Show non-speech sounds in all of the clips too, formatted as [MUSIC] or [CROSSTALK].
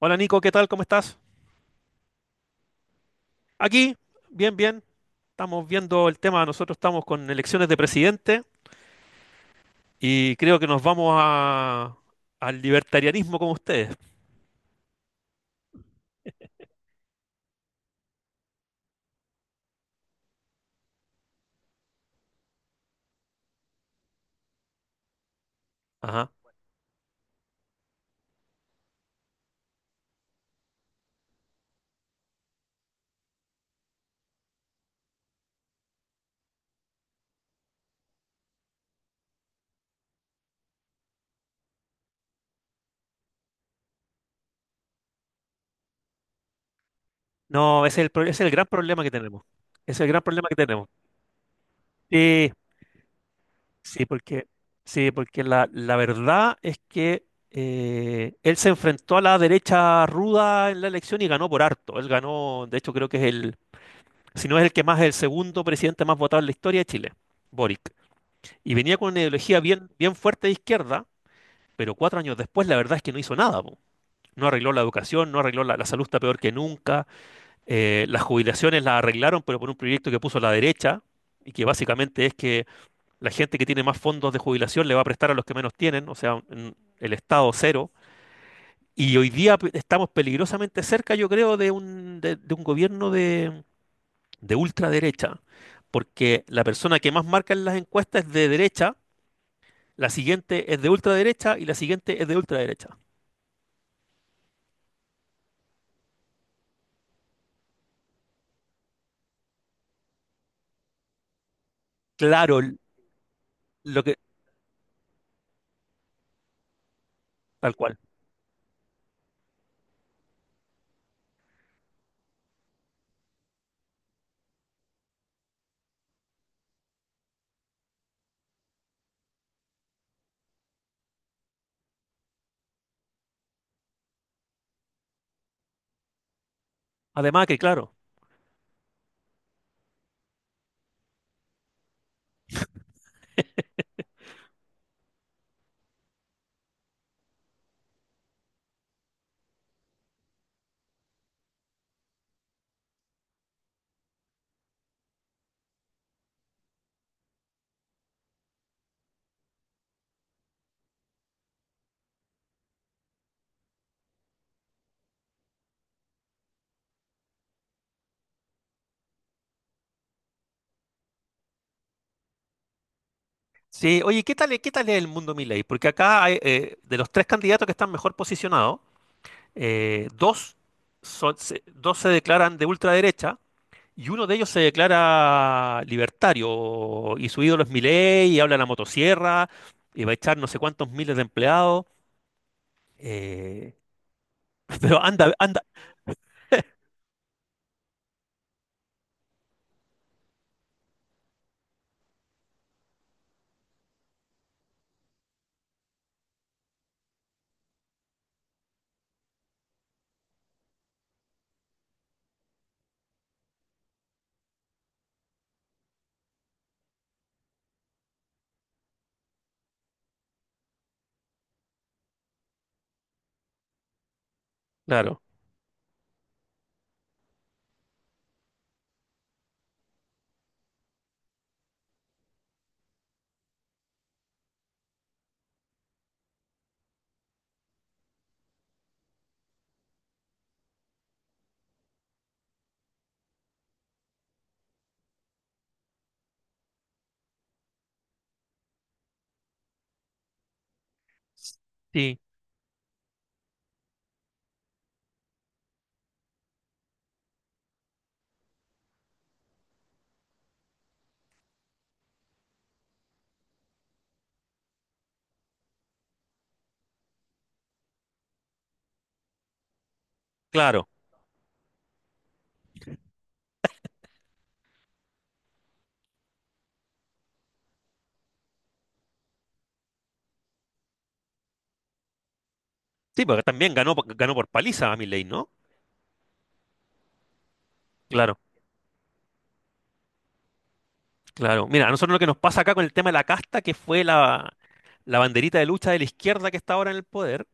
Hola Nico, ¿qué tal? ¿Cómo estás? Aquí, bien, bien. Estamos viendo el tema, nosotros estamos con elecciones de presidente y creo que nos al libertarianismo como ustedes. Ajá. No, ese es el gran problema que tenemos. Ese es el gran problema que tenemos. Sí, sí, sí, porque la verdad es que él se enfrentó a la derecha ruda en la elección y ganó por harto. Él ganó, de hecho creo que si no es el que más, es el segundo presidente más votado en la historia de Chile, Boric. Y venía con una ideología bien, bien fuerte de izquierda, pero 4 años después la verdad es que no hizo nada. Po. No arregló la educación, no arregló la salud, está peor que nunca. Las jubilaciones las arreglaron, pero por un proyecto que puso la derecha, y que básicamente es que la gente que tiene más fondos de jubilación le va a prestar a los que menos tienen, o sea, el Estado cero. Y hoy día estamos peligrosamente cerca, yo creo, de un gobierno de ultraderecha, porque la persona que más marca en las encuestas es de derecha. La siguiente es de ultraderecha y la siguiente es de ultraderecha. Claro, lo que, tal cual. Además que, claro. Sí, oye, ¿qué tal es el mundo Milei? Porque acá, de los tres candidatos que están mejor posicionados, eh, dos, dos se declaran de ultraderecha y uno de ellos se declara libertario. Y su ídolo es Milei y habla de la motosierra y va a echar no sé cuántos miles de empleados. eh, [LAUGHS] pero anda, anda, claro. Sí, claro. Sí, porque también ganó, ganó por paliza a Milei, ¿no? Claro, claro. Mira, a nosotros lo que nos pasa acá con el tema de la casta, que fue la banderita de lucha de la izquierda que está ahora en el poder,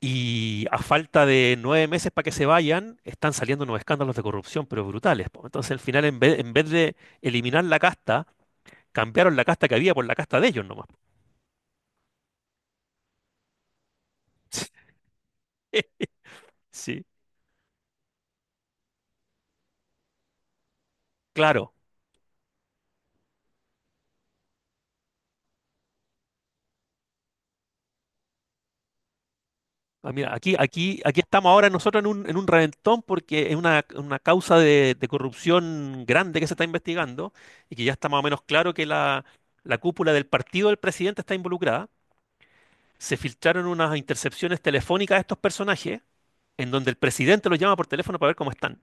y a falta de 9 meses para que se vayan, están saliendo unos escándalos de corrupción, pero brutales. Po. Entonces, al final, en vez de eliminar la casta, cambiaron la casta que había por la casta de ellos nomás. [LAUGHS] Sí, sí, claro. Ah, mira, aquí estamos ahora nosotros en un reventón porque es una causa de corrupción grande que se está investigando y que ya está más o menos claro que la cúpula del partido del presidente está involucrada. Se filtraron unas intercepciones telefónicas de estos personajes en donde el presidente los llama por teléfono para ver cómo están.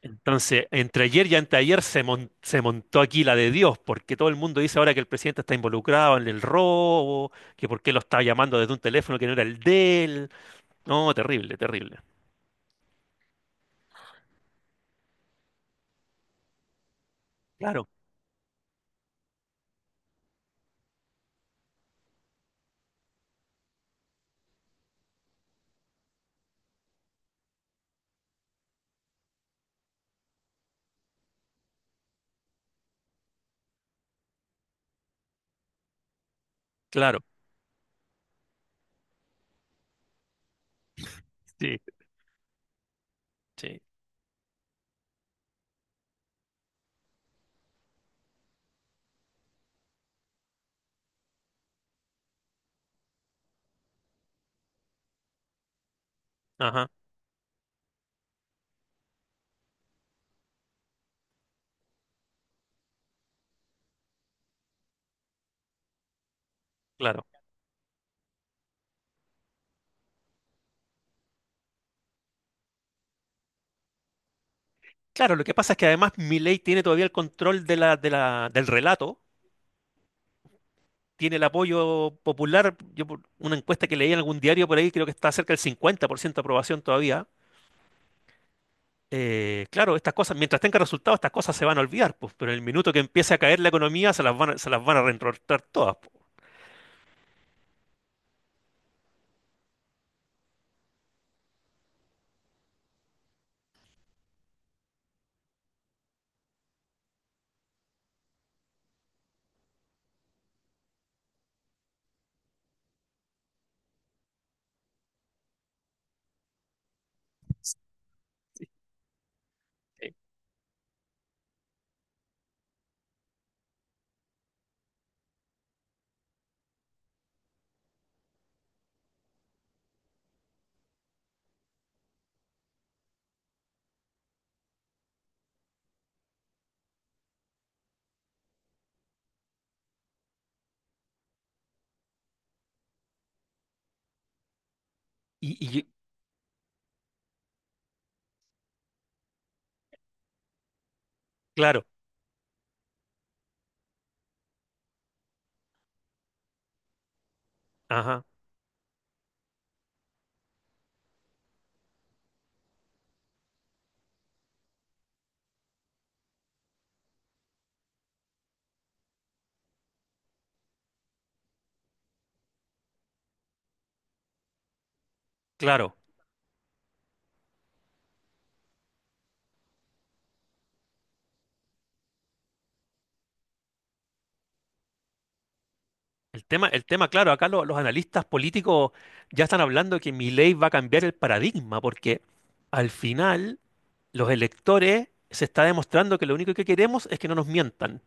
Entonces, entre ayer y anteayer se montó aquí la de Dios, porque todo el mundo dice ahora que el presidente está involucrado en el robo, que por qué lo está llamando desde un teléfono que no era el de él. No, terrible, terrible. Claro, claro, sí, sí, ajá, claro. Claro, lo que pasa es que además Milei tiene todavía el control del relato, tiene el apoyo popular. Yo por una encuesta que leí en algún diario por ahí, creo que está cerca del 50% de aprobación todavía. Claro, estas cosas, mientras tenga resultados, estas cosas se van a olvidar, pues, pero en el minuto que empiece a caer la economía, se las van a reentortar todas. Pues. Eh, y claro, ajá, claro. El tema, claro, acá los analistas políticos ya están hablando que mi ley va a cambiar el paradigma, porque al final los electores se está demostrando que lo único que queremos es que no nos mientan.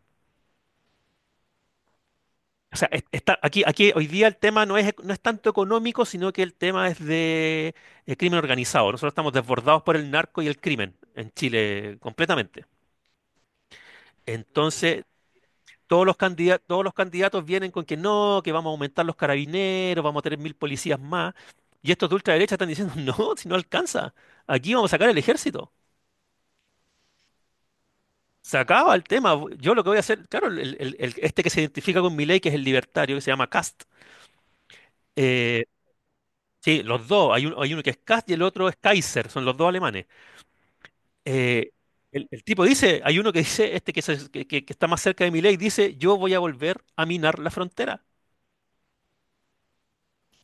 O sea, aquí hoy día el tema no es tanto económico, sino que el tema es de crimen organizado. Nosotros estamos desbordados por el narco y el crimen en Chile completamente. Entonces, todos los candidatos vienen con que no, que vamos a aumentar los carabineros, vamos a tener 1.000 policías más. Y estos de ultraderecha están diciendo, [LAUGHS] no, si no alcanza, aquí vamos a sacar el ejército. Se acaba el tema. Yo lo que voy a hacer, claro, este que se identifica con Milei, que es el libertario, que se llama Kast. eh, sí, los dos, hay uno que es Kast y el otro es Kaiser, son los dos alemanes. Eh, el tipo dice, hay uno que dice, este que, se- que está más cerca de Milei, dice, yo voy a volver a minar la frontera.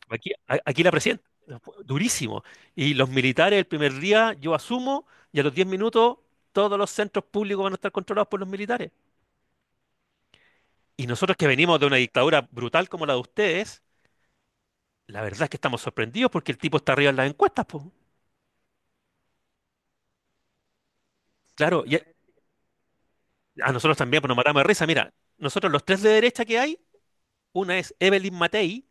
Aquí, aquí la presidenta, durísimo. Y los militares el primer día, yo asumo, y a los 10 minutos todos los centros públicos van a estar controlados por los militares. Y nosotros que venimos de una dictadura brutal como la de ustedes, la verdad es que estamos sorprendidos porque el tipo está arriba en las encuestas, pues. Claro, y a nosotros también pues, nos matamos de risa. Mira, nosotros los tres de derecha que hay, una es Evelyn Matei,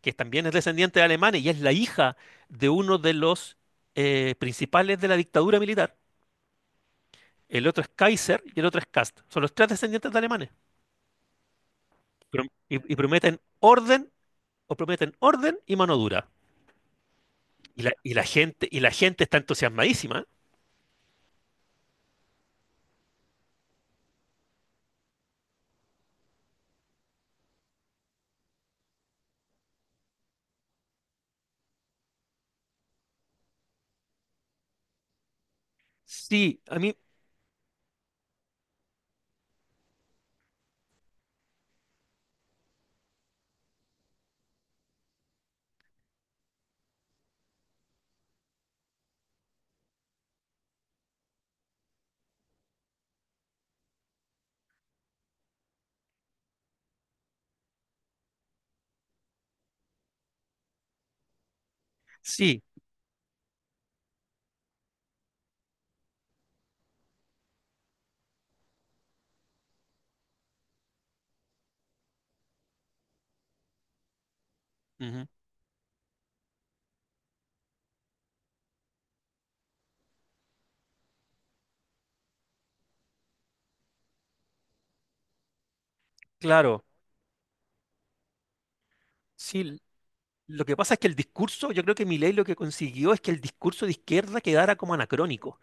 que también es descendiente de alemanes y es la hija de uno de los principales de la dictadura militar. El otro es Kaiser y el otro es Kast. Son los tres descendientes de alemanes. Y prometen orden, o prometen orden y mano dura. Y la gente está entusiasmadísima. Sí, a mí, sí, ujú, claro, sí. Lo que pasa es que el discurso, yo creo que Milei lo que consiguió es que el discurso de izquierda quedara como anacrónico.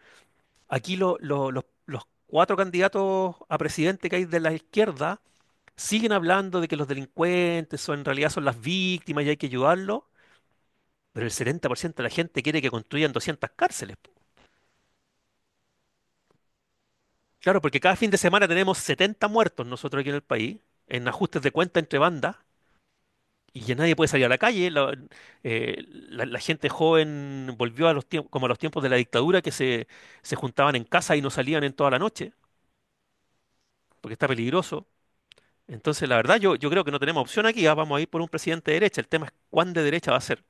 Aquí los 4 candidatos a presidente que hay de la izquierda siguen hablando de que los delincuentes son, en realidad son las víctimas y hay que ayudarlos. Pero el 70% de la gente quiere que construyan 200 cárceles. Po. Claro, porque cada fin de semana tenemos 70 muertos nosotros aquí en el país, en ajustes de cuenta entre bandas, y ya nadie puede salir a la calle. La gente joven volvió a los tiempos, como a los tiempos de la dictadura, que se juntaban en casa y no salían en toda la noche, porque está peligroso. Entonces, la verdad, yo creo que no tenemos opción aquí. Vamos a ir por un presidente de derecha. El tema es cuán de derecha va a ser.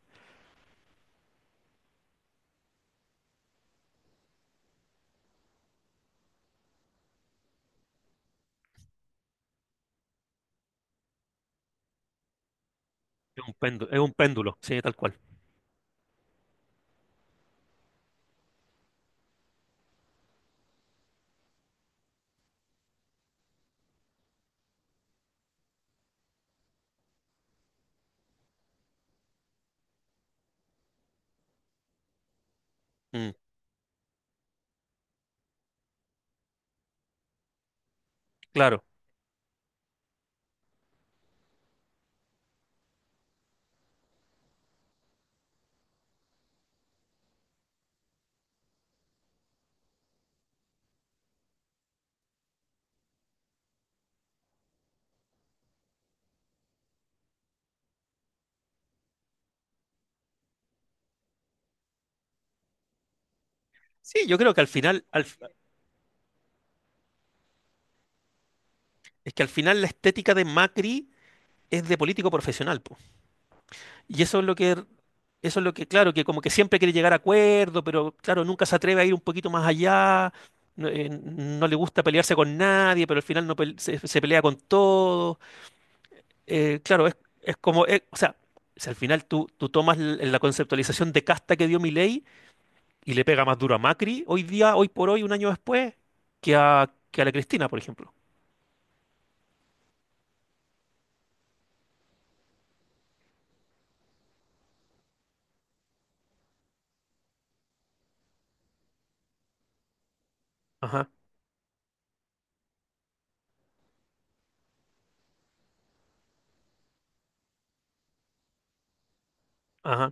Es un péndulo, sí, tal cual. Mm, claro. Sí, yo creo que al final, es que al final la estética de Macri es de político profesional, po. Y eso es lo que, claro, que como que siempre quiere llegar a acuerdo, pero claro, nunca se atreve a ir un poquito más allá. No, no le gusta pelearse con nadie, pero al final no pel- se pelea con todo. Claro, es como, o sea, si al final tú tomas la conceptualización de casta que dio Milei y le pega más duro a Macri hoy día, hoy por hoy, un año después, que a la Cristina, por ejemplo. Ajá, ajá.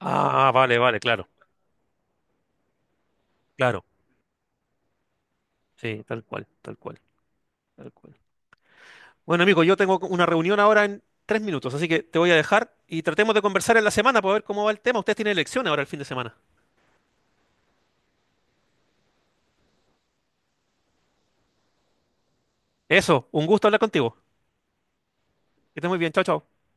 Ah, vale, vale, claro, claro. Sí, tal cual, tal cual, tal cual. Bueno, amigo, yo tengo una reunión ahora en 3 minutos, así que te voy a dejar y tratemos de conversar en la semana para ver cómo va el tema. Ustedes tienen elección ahora el fin de semana. Eso, un gusto hablar contigo. Que estés muy bien, chao, chao.